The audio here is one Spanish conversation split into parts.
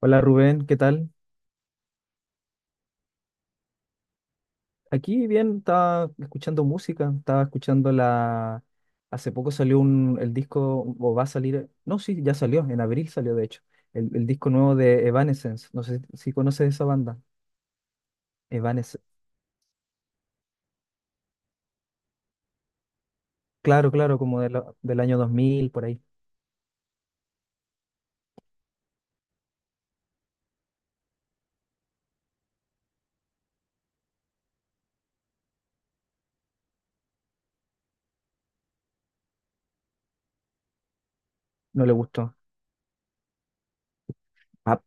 Hola Rubén, ¿qué tal? Aquí bien, estaba escuchando música, estaba escuchando la... Hace poco salió el disco, o va a salir, no, sí, ya salió, en abril salió de hecho, el disco nuevo de Evanescence, no sé si conoces esa banda, Evanescence, claro, claro, como de la- del año 2000 por ahí, no le gustó. Ah,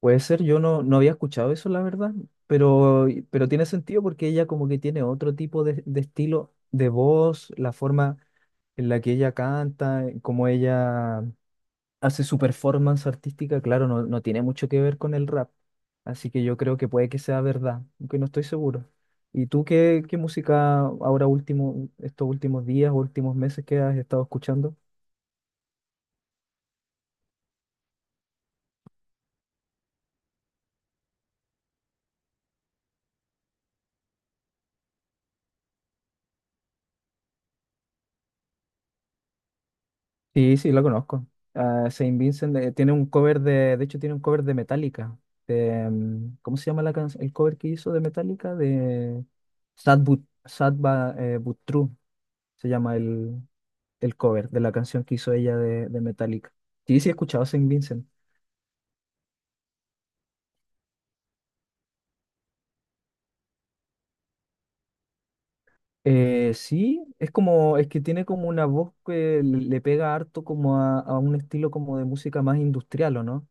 puede ser, yo no, no había escuchado eso, la verdad, pero tiene sentido porque ella como que tiene otro tipo de estilo de voz, la forma en la que ella canta, como ella hace su performance artística, claro, no, no tiene mucho que ver con el rap. Así que yo creo que puede que sea verdad, aunque no estoy seguro. ¿Y tú qué, qué música ahora último, estos últimos días, últimos meses que has estado escuchando? Sí, sí, lo conozco. Ah, Saint Vincent tiene un cover de hecho tiene un cover de Metallica. De, ¿cómo se llama la canción? ¿El cover que hizo de Metallica? De Sad But, But True, se llama el cover de la canción que hizo ella de Metallica. Sí, sí, he escuchado Saint Vincent. Sí, es como, es que tiene como una voz que le pega harto como a un estilo como de música más industrial, ¿o no?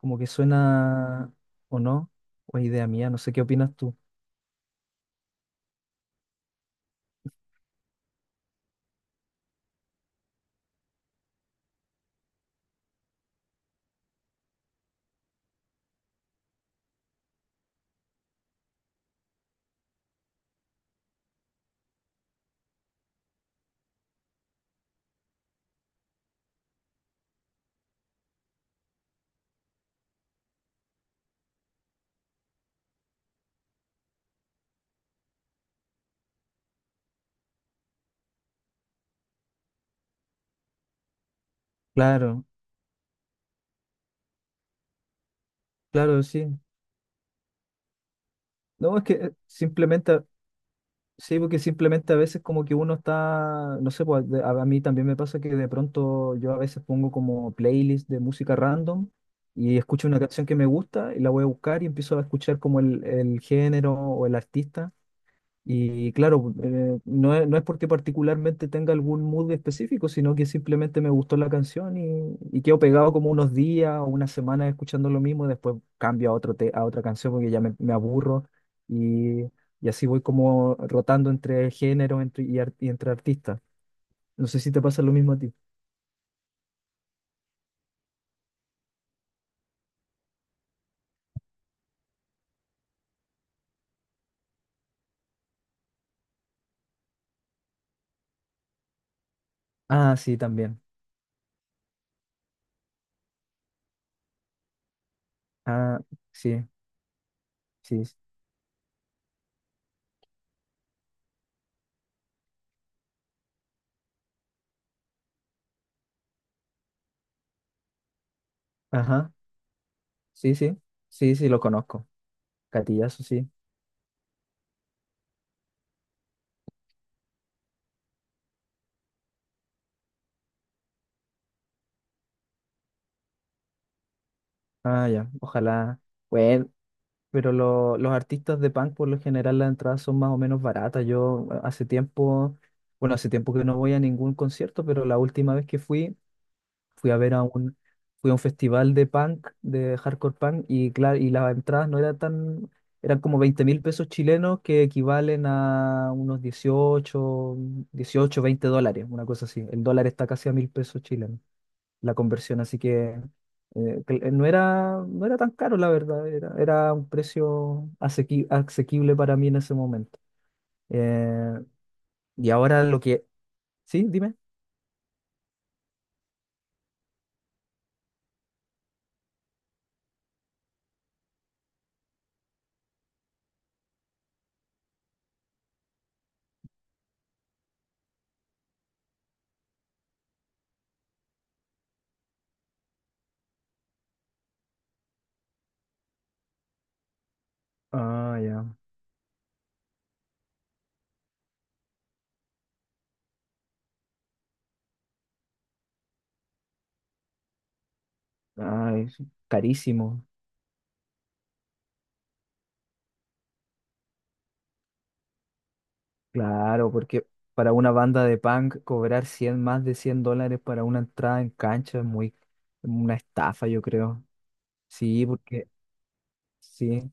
Como que suena, ¿o no? O es idea mía, no sé qué opinas tú. Claro, claro, sí. No, es que simplemente, a- sí, porque simplemente a veces como que uno está, no sé, pues de- a mí también me pasa que de pronto yo a veces pongo como playlist de música random y escucho una canción que me gusta y la voy a buscar y empiezo a escuchar como el género o el artista. Y claro, no es, no es porque particularmente tenga algún mood específico, sino que simplemente me gustó la canción y quedo pegado como unos días o unas semanas escuchando lo mismo, y después cambio a otro te- a otra canción porque ya me aburro y, y así voy como rotando entre géneros entre, y, ar- y entre artistas. No sé si te pasa lo mismo a ti. Ah, sí, también. Ah, sí, sí. Sí. Ajá, sí, sí. Sí, sí, lo conozco. Gatillazo, sí. Ah, ya. Ojalá. Bueno. Pero lo- los artistas de punk, por lo general, las entradas son más o menos baratas. Yo hace tiempo, bueno, hace tiempo que no voy a ningún concierto, pero la última vez que fui, fui a ver a un, fui a un festival de punk, de hardcore punk, y claro, y las entradas no eran tan, eran como 20.000 pesos chilenos que equivalen a unos 18 20 dólares, una cosa así. El dólar está casi a 1.000 pesos chilenos la conversión, así que no era, no era tan caro, la verdad, era, era un precio asequi- asequible para mí en ese momento. Eh, y ahora lo que... Sí, dime. Ah, ya. Ah, es carísimo. Claro, porque para una banda de punk cobrar 100 más de 100 dólares para una entrada en cancha es muy, una estafa, yo creo. Sí, porque sí.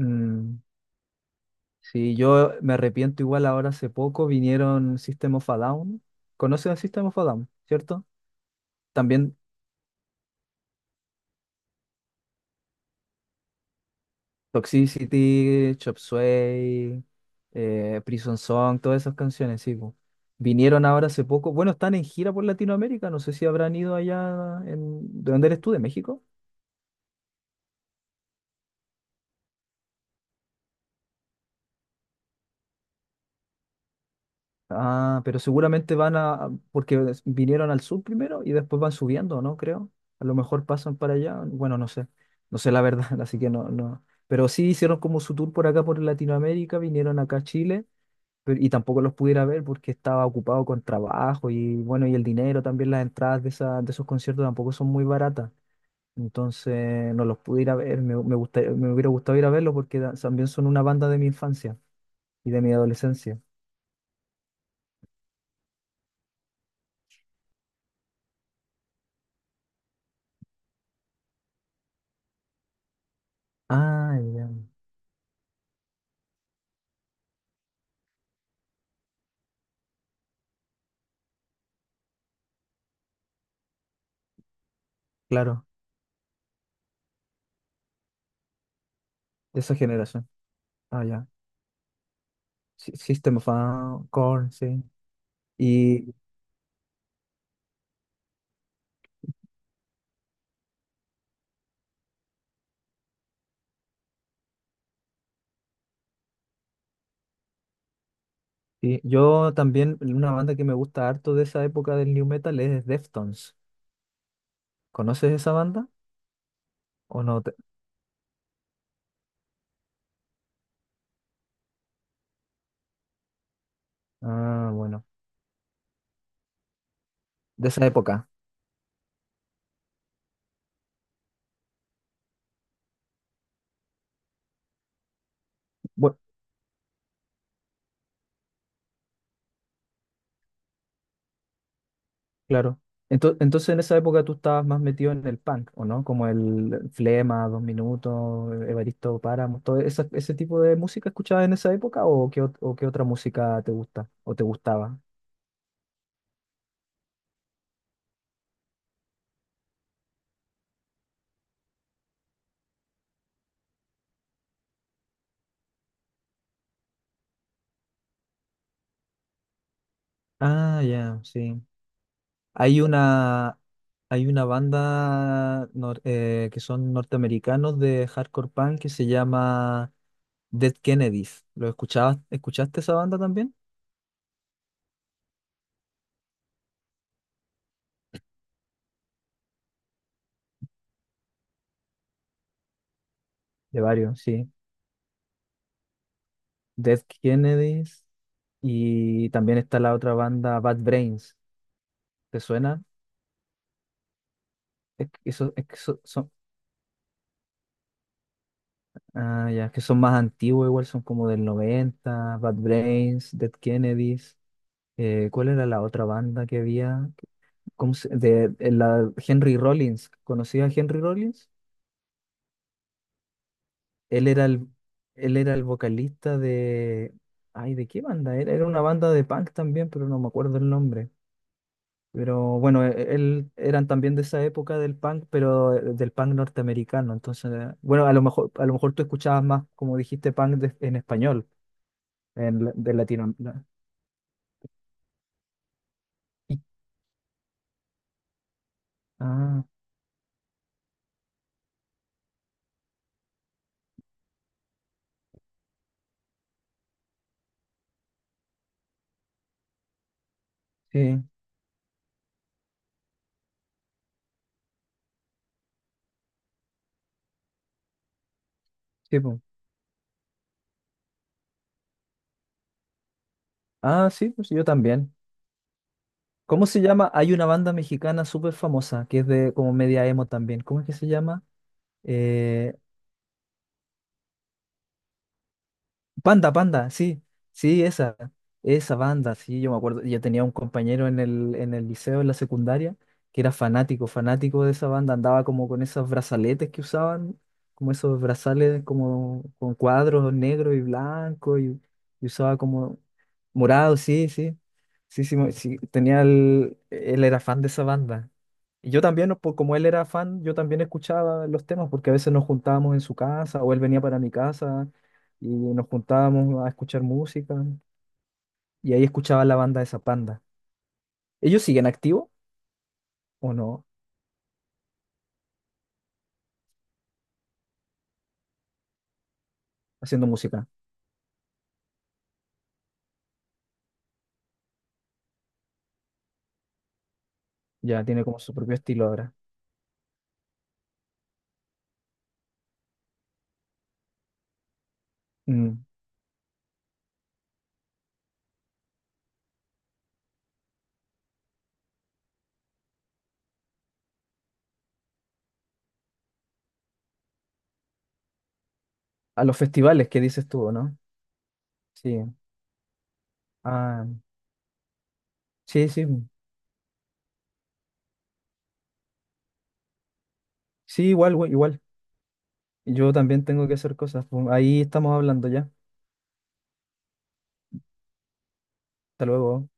Mm, Sí, yo me arrepiento igual ahora hace poco vinieron System of a Down. ¿Conocen a System of a Down, cierto? También Toxicity, Chop Suey, Prison Song, todas esas canciones, sí, po. Vinieron ahora hace poco. Bueno, están en gira por Latinoamérica. No sé si habrán ido allá en... ¿De dónde eres tú? ¿De México? Ah, pero seguramente van a, porque des- vinieron al sur primero y después van subiendo, ¿no? Creo. A lo mejor pasan para allá. Bueno, no sé. No sé la verdad, así que no, no. Pero sí hicieron como su tour por acá, por Latinoamérica, vinieron acá a Chile, pero, y tampoco los pudiera ver porque estaba ocupado con trabajo y bueno, y el dinero también, las entradas de, esa, de esos conciertos tampoco son muy baratas. Entonces no los pude ir a ver, me gustaría- me hubiera gustado ir a verlos porque da- también son una banda de mi infancia y de mi adolescencia. Ah, ya. Claro. De esa generación. Ah, ya. Sí, System of a Corn, sí. Y, y yo también, una banda que me gusta harto de esa época del new metal es Deftones. ¿Conoces esa banda? ¿O no? Te- Ah, bueno. De esa época. Bueno, claro. Ento- Entonces, en esa época tú estabas más metido en el punk, ¿o no? Como el Flema, Dos Minutos, Evaristo Páramo, todo esa- ese tipo de música escuchabas en esa época o qué, ot- ¿o qué otra música te gusta o te gustaba? Ah, ya, sí. Hay una, hay una banda nor- que son norteamericanos de hardcore punk que se llama Dead Kennedys. ¿Lo escuchabas? ¿Escuchaste esa banda también? De varios, sí. Dead Kennedys y también está la otra banda Bad Brains. ¿Te suena? Es que eso- es que so- son, ah, ya, es que son más antiguos, igual son como del 90 Bad Brains, Dead Kennedys. ¿Cuál era la otra banda que había? ¿Cómo se- de la Henry Rollins. ¿Conocías a Henry Rollins? Él era el, él era el vocalista de... Ay, ¿de qué banda? Era, era una banda de punk también, pero no me acuerdo el nombre. Pero bueno, e- él eran también de esa época del punk, pero del punk norteamericano. Entonces, bueno, a lo mejor tú escuchabas más, como dijiste, punk de- en español, en, la- de Latinoamérica. Ah, sí, sí, po. Ah, sí, pues yo también. ¿Cómo se llama? Hay una banda mexicana súper famosa que es de como media emo también. ¿Cómo es que se llama? Eh, Panda, Panda, sí, sí, esa banda, sí, yo me acuerdo, yo tenía un compañero en el liceo, en la secundaria, que era fanático, fanático de esa banda, andaba como con esos brazaletes que usaban, como esos brazales como con cuadros negro y blanco, y usaba como morado, sí, sí, sí, sí, mo- sí, tenía el, él era fan de esa banda. Y yo también, ¿no? Por- como él era fan, yo también escuchaba los temas, porque a veces nos juntábamos en su casa, o él venía para mi casa y nos juntábamos a escuchar música y ahí escuchaba la banda de Zapanda. ¿Ellos siguen activos o no haciendo música? Ya tiene como su propio estilo ahora. Mm. A los festivales, ¿qué dices tú, o no? Sí. Ah, sí, sí. Sí, igual, güey, igual. Yo también tengo que hacer cosas, pues. Ahí estamos hablando ya. Hasta luego.